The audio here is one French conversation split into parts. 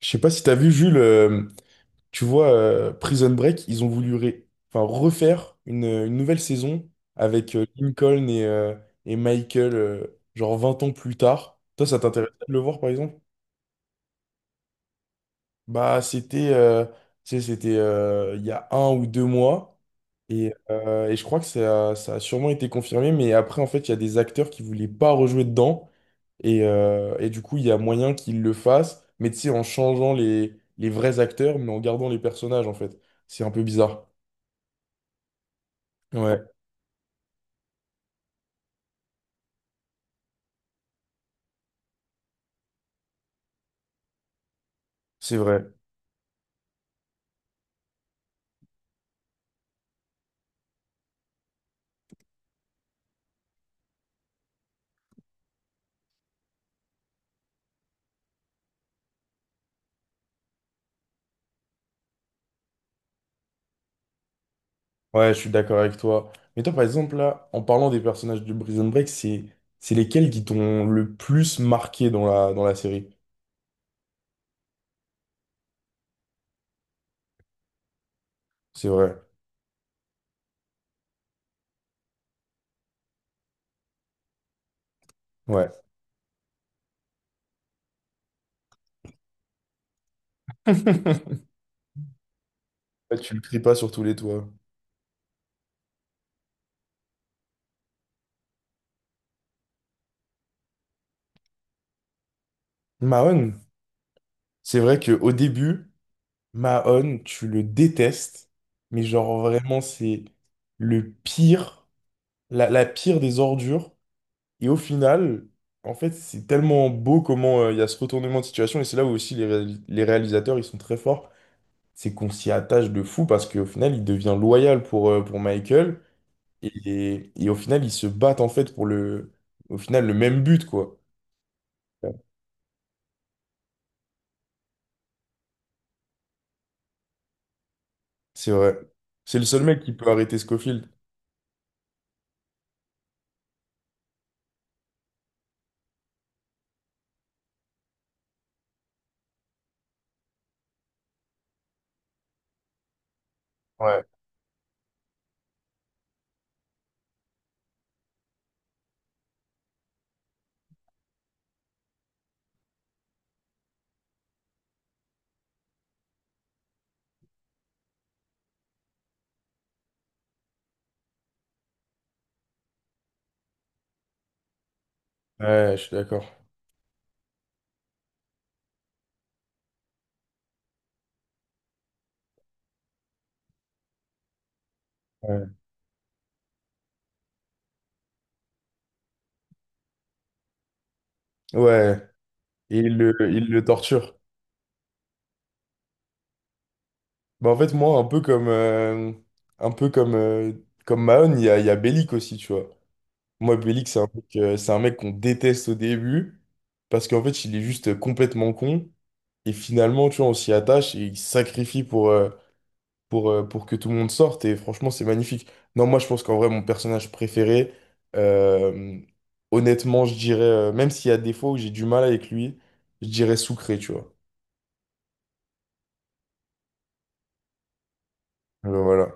Je sais pas si t'as vu, Jules, tu vois, Prison Break, ils ont voulu refaire une nouvelle saison avec Lincoln et Michael, genre 20 ans plus tard. Toi, ça t'intéresse de le voir, par exemple? Bah, c'était tu sais, c'était il y a un ou deux mois. Et je crois que ça a sûrement été confirmé, mais après, en fait, il y a des acteurs qui voulaient pas rejouer dedans. Et du coup, il y a moyen qu'ils le fassent, mais tu sais, en changeant les vrais acteurs, mais en gardant les personnages, en fait. C'est un peu bizarre. Ouais, c'est vrai. Ouais, je suis d'accord avec toi. Mais toi, par exemple, là, en parlant des personnages de Prison Break, c'est lesquels qui t'ont le plus marqué dans la série? C'est vrai. Ouais. Ouais, tu le cries pas sur tous les toits. Mahon, c'est vrai que au début, Mahon, tu le détestes, mais genre vraiment, c'est le pire. La pire des ordures. Et au final, en fait, c'est tellement beau comment il y a ce retournement de situation. Et c'est là où aussi les réalisateurs, ils sont très forts. C'est qu'on s'y attache de fou parce qu'au final, il devient loyal pour Michael. Et au final, ils se battent en fait pour le, au final, le même but, quoi. C'est vrai. C'est le seul mec qui peut arrêter Scofield. Ouais. Ouais, je suis d'accord. Ouais. Ouais. Et il le torture. Bah, en fait, moi, un peu comme, euh, comme Mahon, il y a Bellic aussi, tu vois. Moi, Bellic, c'est un mec qu'on déteste au début, parce qu'en fait, il est juste complètement con. Et finalement, tu vois, on s'y attache et il se sacrifie pour que tout le monde sorte. Et franchement, c'est magnifique. Non, moi, je pense qu'en vrai, mon personnage préféré, euh, honnêtement, je dirais, même s'il y a des fois où j'ai du mal avec lui, je dirais Sucré, tu vois. Alors, voilà.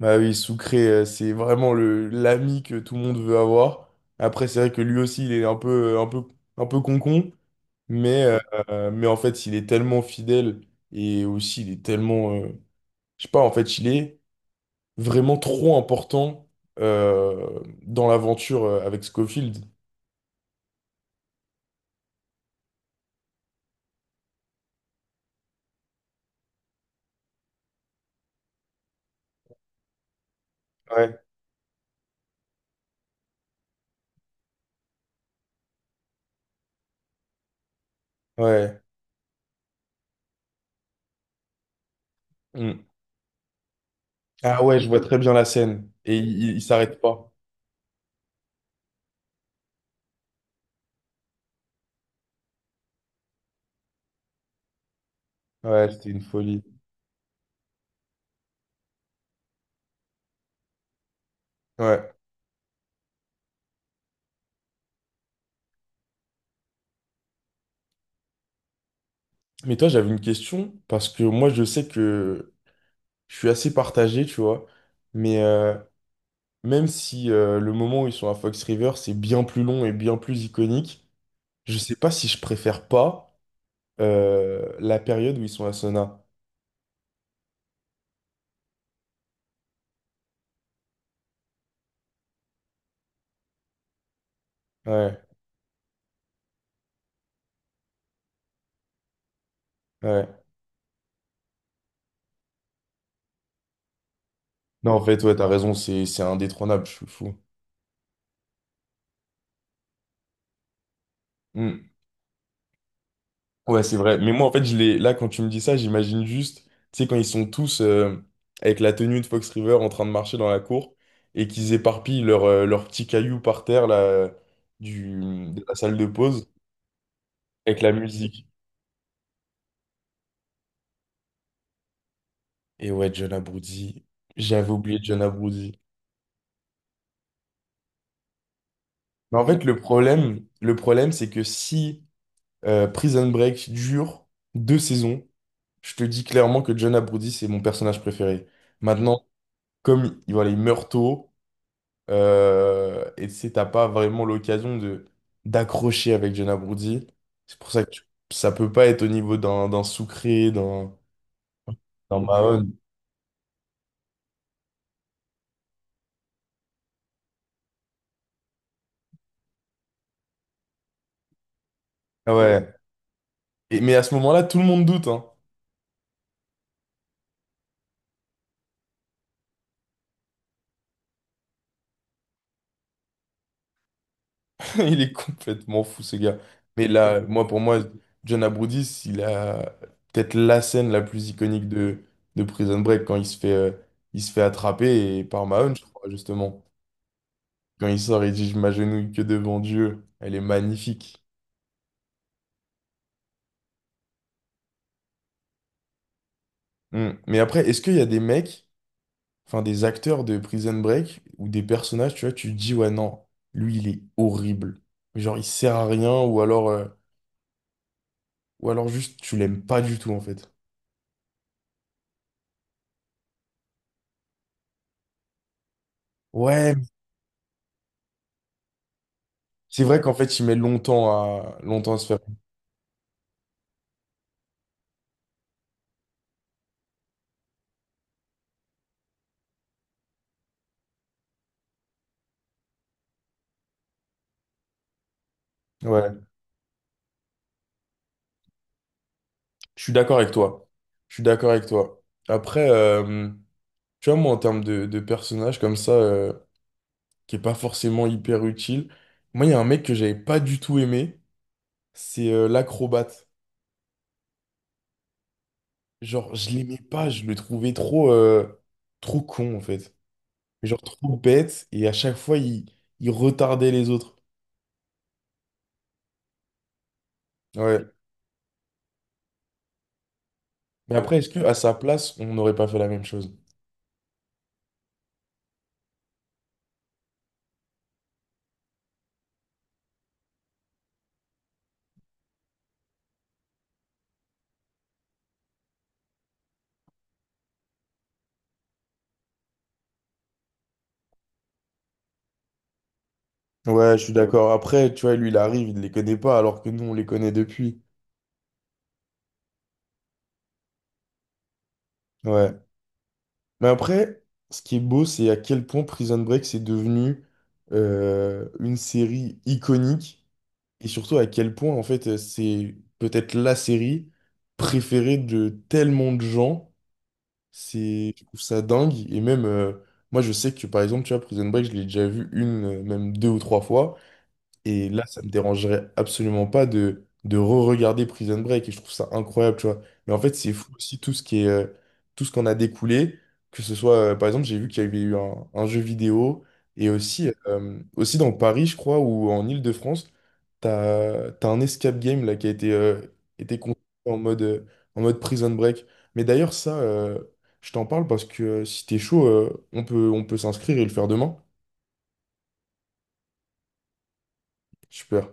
Bah oui, Sucré, c'est vraiment le l'ami que tout le monde veut avoir. Après, c'est vrai que lui aussi, il est euh, un peu, un peu concon, mais, Mm. Mais en fait, il est tellement fidèle et aussi, il est je sais pas, en fait, il est vraiment trop important dans l'aventure avec Scofield. Ouais, ouais. Mm. Ah ouais, je vois très bien la scène et il s'arrête pas. Ouais, c'était une folie. Ouais. Mais toi, j'avais une question parce que moi, je sais que je suis assez partagé, tu vois. Mais même si le moment où ils sont à Fox River, c'est bien plus long et bien plus iconique, je sais pas si je préfère pas la période où ils sont à Sona. Ouais, ouais. Non, en fait, ouais, t'as raison, c'est indétrônable, je suis fou. Hmm. Ouais, c'est vrai. Mais moi, en fait, là, quand tu me dis ça, j'imagine juste, tu sais, quand ils sont tous avec la tenue de Fox River en train de marcher dans la cour et qu'ils éparpillent leurs leur petits cailloux par terre, là, de la salle de pause. Avec la musique. Et ouais, John Abruzzes, j'avais oublié John Abruzzes. Mais en fait, le problème, c'est que si Prison Break dure deux saisons, je te dis clairement que John Abruzzes, c'est mon personnage préféré. Maintenant, comme voilà, il meurt tôt, et tu sais, t'as pas vraiment l'occasion de d'accrocher avec John Abruzzes. C'est pour ça que ça peut pas être au niveau d'un Sucré, d'un Mahone. Ah ouais. Mais à ce moment-là, tout le monde doute, hein. Il est complètement fou, ce gars. Mais là, pour moi, John Aboudis, il a peut-être la scène la plus iconique de Prison Break quand il se fait attraper et par Mahone, je crois, justement. Quand il sort, il dit: Je m'agenouille que devant Dieu. Elle est magnifique. Hmm. Mais après, est-ce qu'il y a des mecs, enfin des acteurs de Prison Break ou des personnages, tu vois, tu te dis, ouais, non, lui, il est horrible. Genre, il sert à rien ou alors juste, tu l'aimes pas du tout, en fait. Ouais, c'est vrai qu'en fait, il met longtemps à se faire. Ouais, je suis d'accord avec toi. Je suis d'accord avec toi. Après, tu vois, moi, en termes de personnage comme ça, qui est pas forcément hyper utile, moi, il y a un mec que j'avais pas du tout aimé, c'est l'acrobate. Genre, je l'aimais pas, je le trouvais trop con, en fait. Genre, trop bête, et à chaque fois, il retardait les autres. Ouais. Mais après, est-ce que à sa place, on n'aurait pas fait la même chose? Ouais, je suis d'accord. Après, tu vois, lui, il arrive, il ne les connaît pas, alors que nous, on les connaît depuis. Ouais. Mais après, ce qui est beau, c'est à quel point Prison Break, c'est devenu une série iconique, et surtout à quel point, en fait, c'est peut-être la série préférée de tellement de gens. Je trouve ça dingue. Et même, moi, je sais que, par exemple, tu vois, Prison Break, je l'ai déjà vu même deux ou trois fois. Et là, ça me dérangerait absolument pas de re-regarder Prison Break et je trouve ça incroyable, tu vois. Mais en fait, c'est fou aussi tout ce qu'on a découlé, que ce soit, par exemple, j'ai vu qu'il y avait eu un jeu vidéo et aussi dans Paris, je crois, ou en Île-de-France, t'as un escape game là qui a été construit en mode Prison Break. Mais d'ailleurs, ça, je t'en parle parce que si t'es chaud, on peut s'inscrire et le faire demain. Super.